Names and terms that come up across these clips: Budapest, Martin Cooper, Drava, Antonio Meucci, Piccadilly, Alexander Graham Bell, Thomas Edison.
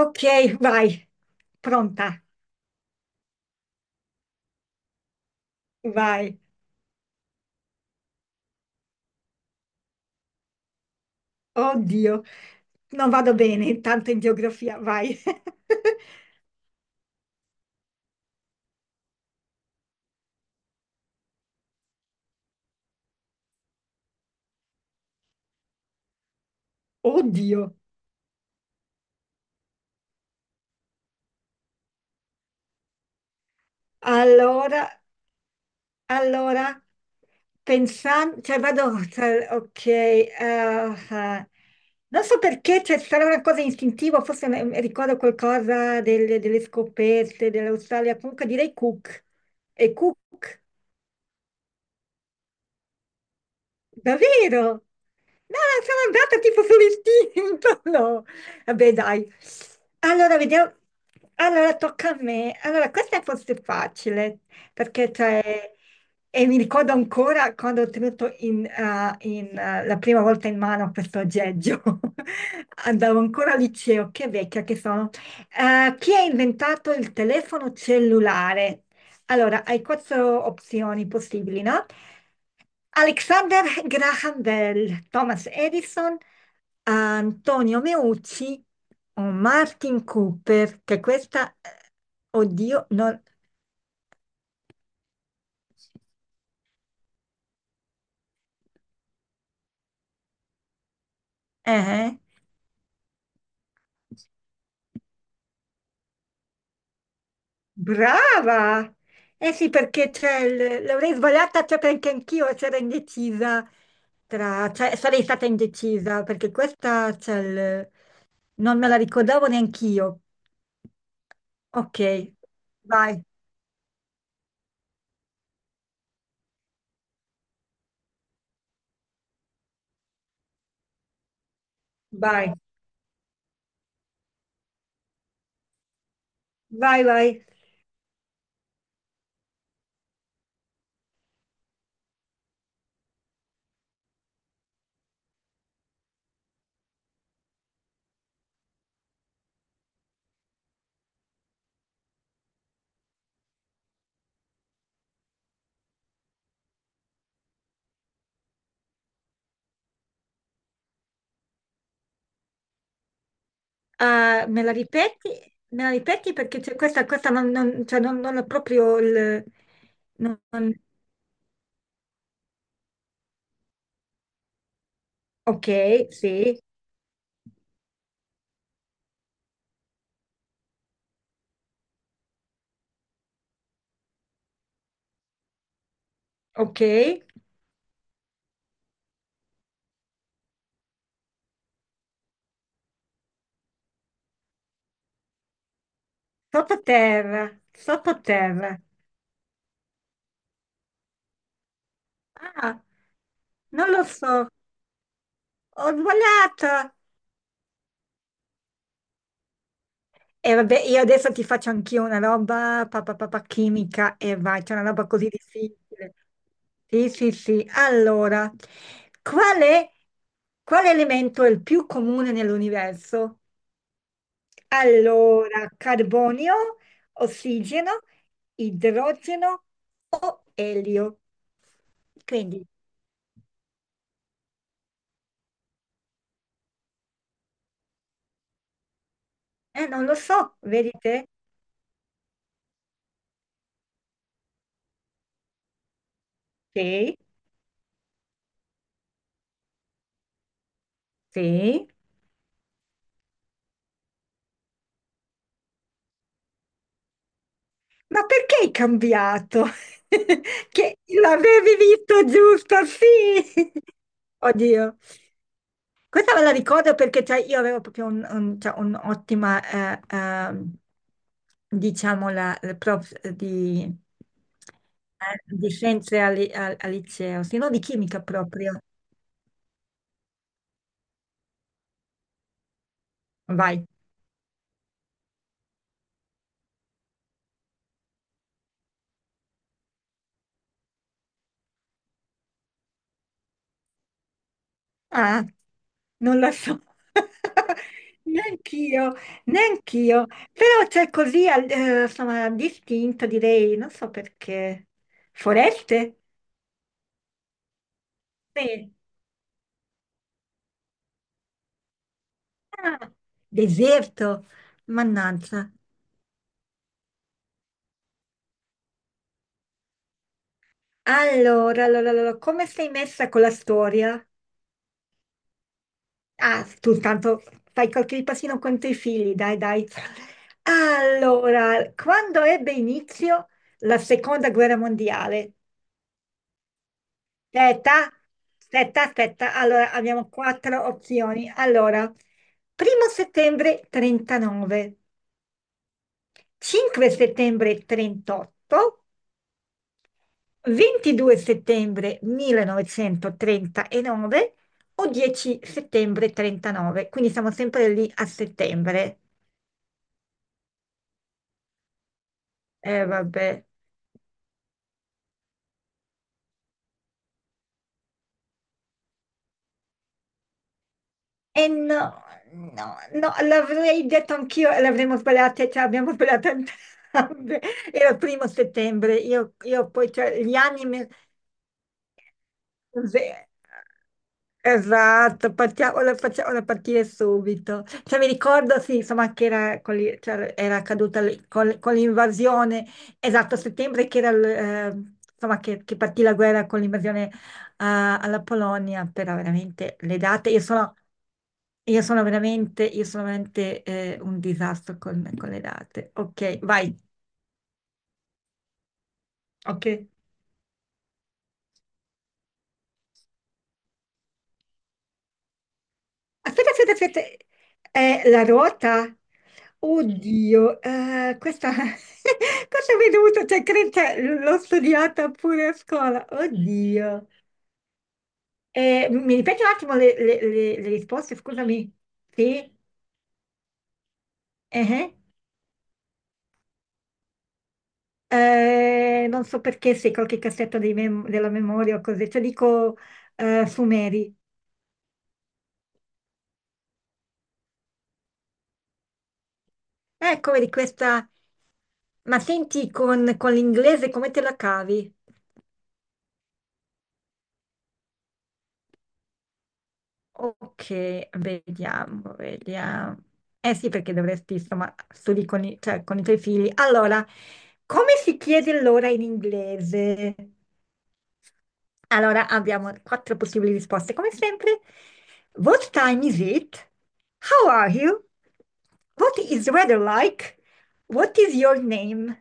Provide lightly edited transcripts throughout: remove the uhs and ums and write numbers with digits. Ok, vai, pronta, vai. Oddio, non vado bene tanto in geografia, vai. Oddio. Allora, allora, pensando, cioè vado, cioè, okeh. Non so perché, c'è sarà una cosa istintiva, forse ricordo qualcosa delle scoperte dell'Australia, comunque direi Cook. E Cook, davvero? No, sono andata tipo sull'istinto. No. Vabbè, dai. Allora, vediamo. Allora, tocca a me. Allora, questa forse è facile, perché cioè, e mi ricordo ancora quando ho tenuto la prima volta in mano questo aggeggio. Andavo ancora al liceo, che vecchia che sono. Chi ha inventato il telefono cellulare? Allora, hai quattro opzioni possibili, no? Alexander Graham Bell, Thomas Edison, Antonio Meucci o Martin Cooper, che questa, oddio, non. Eh, brava! Eh sì, perché c'è l'avrei sbagliata, cioè perché anch'io c'ero indecisa tra. Cioè sarei stata indecisa, perché questa c'è il. Non me la ricordavo neanch'io. Ok, vai, vai, vai, vai. Ah, me la ripeti? Me la ripeti perché c'è questa non, non, cioè non ho proprio il. non- non- Ok, sì, ok. Sottoterra, sottoterra. Ah, non lo so, ho sbagliato. E vabbè, io adesso ti faccio anch'io una roba papà papà chimica e vai, c'è una roba così difficile. Sì, sì, sì. Allora, qual è, quale elemento è il più comune nell'universo? Allora, carbonio, ossigeno, idrogeno o elio. Quindi, non lo so, vedete? Sì, sì. Ma perché hai cambiato? Che l'avevi visto giusto, sì. Oddio. Questa me la ricordo perché cioè, io avevo proprio cioè, un'ottima, eh, ehm, diciamo, la prof di scienze al liceo, se no di chimica proprio. Vai. Ah, non la so. Neanch'io, neanch'io. Però c'è così, insomma, distinto, direi, non so perché. Foreste? Sì. Ah, deserto. Mannaggia. Allora, come sei messa con la storia? Ah, tu intanto fai qualche passino con i tuoi figli, dai, dai. Allora, quando ebbe inizio la seconda guerra mondiale? Aspetta, aspetta, aspetta. Allora, abbiamo quattro opzioni. Allora, primo settembre 39, 5 settembre 38, 22 settembre 1939 o 10 settembre 39, quindi siamo sempre lì a settembre. Vabbè. E no, no, no, l'avrei detto anch'io e l'avremmo sbagliata, cioè abbiamo sbagliato entrambe. Era il primo settembre, io poi, cioè, gli anni, me- Sì, esatto, facciamola partire subito. Cioè, mi ricordo, sì, insomma, che era, con cioè, era accaduta con l'invasione, esatto, a settembre che era, insomma, che partì la guerra con l'invasione, ah, alla Polonia, però veramente le date, io sono, io sono veramente un disastro con le date. Ok, vai, ok. Aspetta, aspetta, aspetta. È la ruota? Oddio, questa. Cosa mi è dovuto. Cioè, credo che l'ho studiata pure a scuola. Oddio. Mi ripeti un attimo le risposte, scusami. Sì? Eh, eh. Non so perché se qualche cassetto dei della memoria o così. Cioè, dico Sumeri. Ecco, vedi questa. Ma senti, con l'inglese come te la cavi? Ok, vediamo, vediamo. Eh sì, perché dovresti, insomma, studi con i tuoi figli. Allora, come si chiede l'ora in inglese? Allora, abbiamo quattro possibili risposte, come sempre. What time is it? How are you? What is the weather like? What is your name?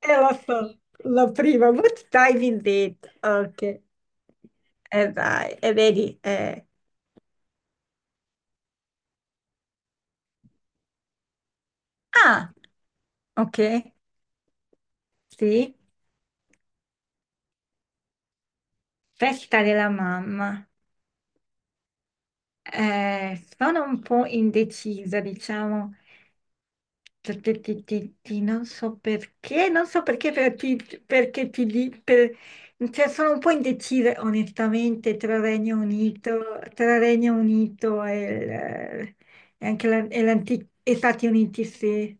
Lo so, la prima. What time is it? Ok. Dai, e vedi. Ah! Ok, sì, festa della mamma. Sono un po' indecisa, diciamo. Non so perché, perché ti di- per- cioè, sono un po' indecisa onestamente tra Regno Unito e, e anche Stati Uniti, sì.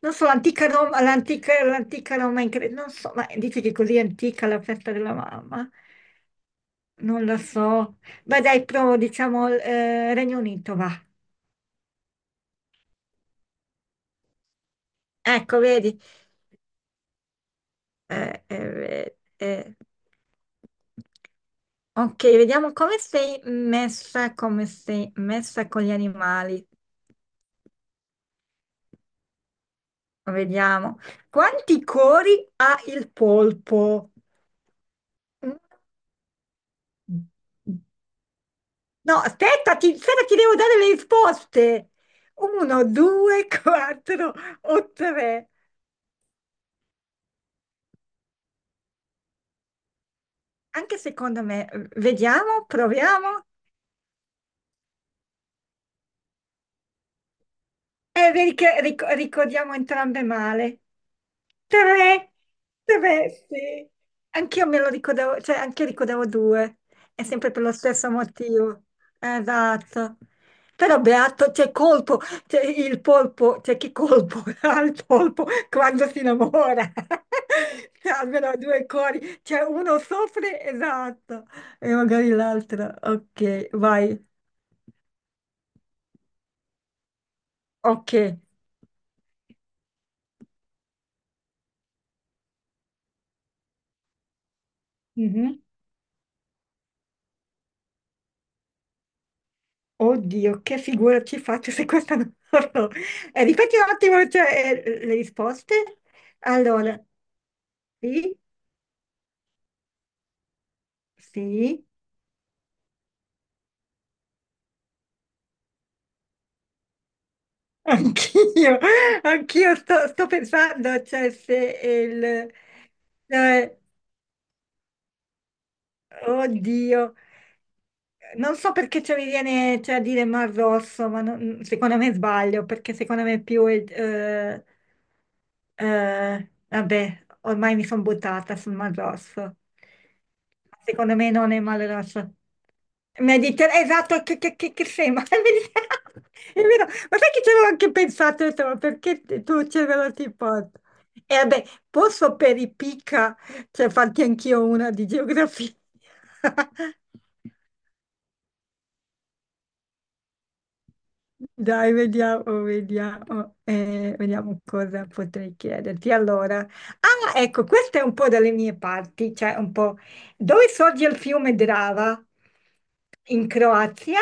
Non so, l'antica Roma, l'antica Roma, in non so, ma dice che è così antica la festa della mamma. Non lo so. Beh, dai, provo, diciamo, Regno Unito, va. Ecco, vedi. Eh, eh, eh. eh. Ok, vediamo come sei messa con gli animali. Vediamo. Quanti cori ha il polpo? No, aspetta, aspetta, ti devo dare le risposte. Uno, due, quattro o tre. Anche secondo me, vediamo, proviamo e vedi che ricordiamo entrambe male. Tre, tre, sì. Anch'io me lo ricordavo, cioè anche ricordavo due, è sempre per lo stesso motivo. Esatto. Però beato, c'è colpo, c'è il polpo, c'è chi colpo ha il polpo quando si innamora. Cioè, almeno due cori, c'è uno soffre, esatto, e magari l'altro. Ok, vai. Ok. Mhm. Oddio, che figura ci faccio se questa non la so. Ripeti un attimo, cioè, le risposte. Allora, sì, sì, anch'io, anch'io sto pensando, cioè, se il. Cioè, oddio. Non so perché ci mi viene cioè, a dire Mar Rosso, ma secondo me sbaglio, perché secondo me è più. Vabbè, ormai mi sono buttata sul Mar Rosso. Secondo me non è Mar Rosso. Mediterraneo, esatto, che sei, ma è Mediterraneo. È vero. Ma sai che ci avevo anche pensato, ho detto, ma perché tu ce ve lo ti porti? E vabbè, posso per i picca, cioè farti anch'io una di geografia. Dai, vediamo, vediamo, vediamo cosa potrei chiederti. Allora, ah, ecco, questa è un po' dalle mie parti, cioè un po' dove sorge il fiume Drava? In Croazia,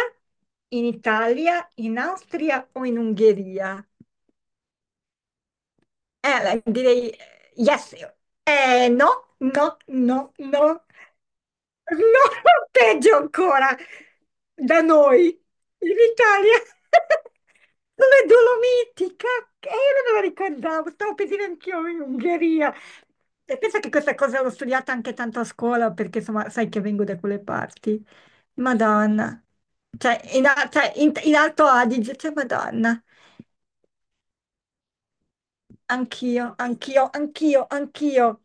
in Italia, in Austria o in Ungheria? Beh, direi yes. No, no, no, no. No, peggio ancora, da noi, in Italia, le Dolomiti, cacchio, io non me lo ricordavo, stavo per dire anch'io in Ungheria. E penso che questa cosa l'ho studiata anche tanto a scuola, perché insomma, sai che vengo da quelle parti. Madonna, cioè, in Alto Adige, cioè, Madonna, anch'io, anch'io, anch'io, anch'io.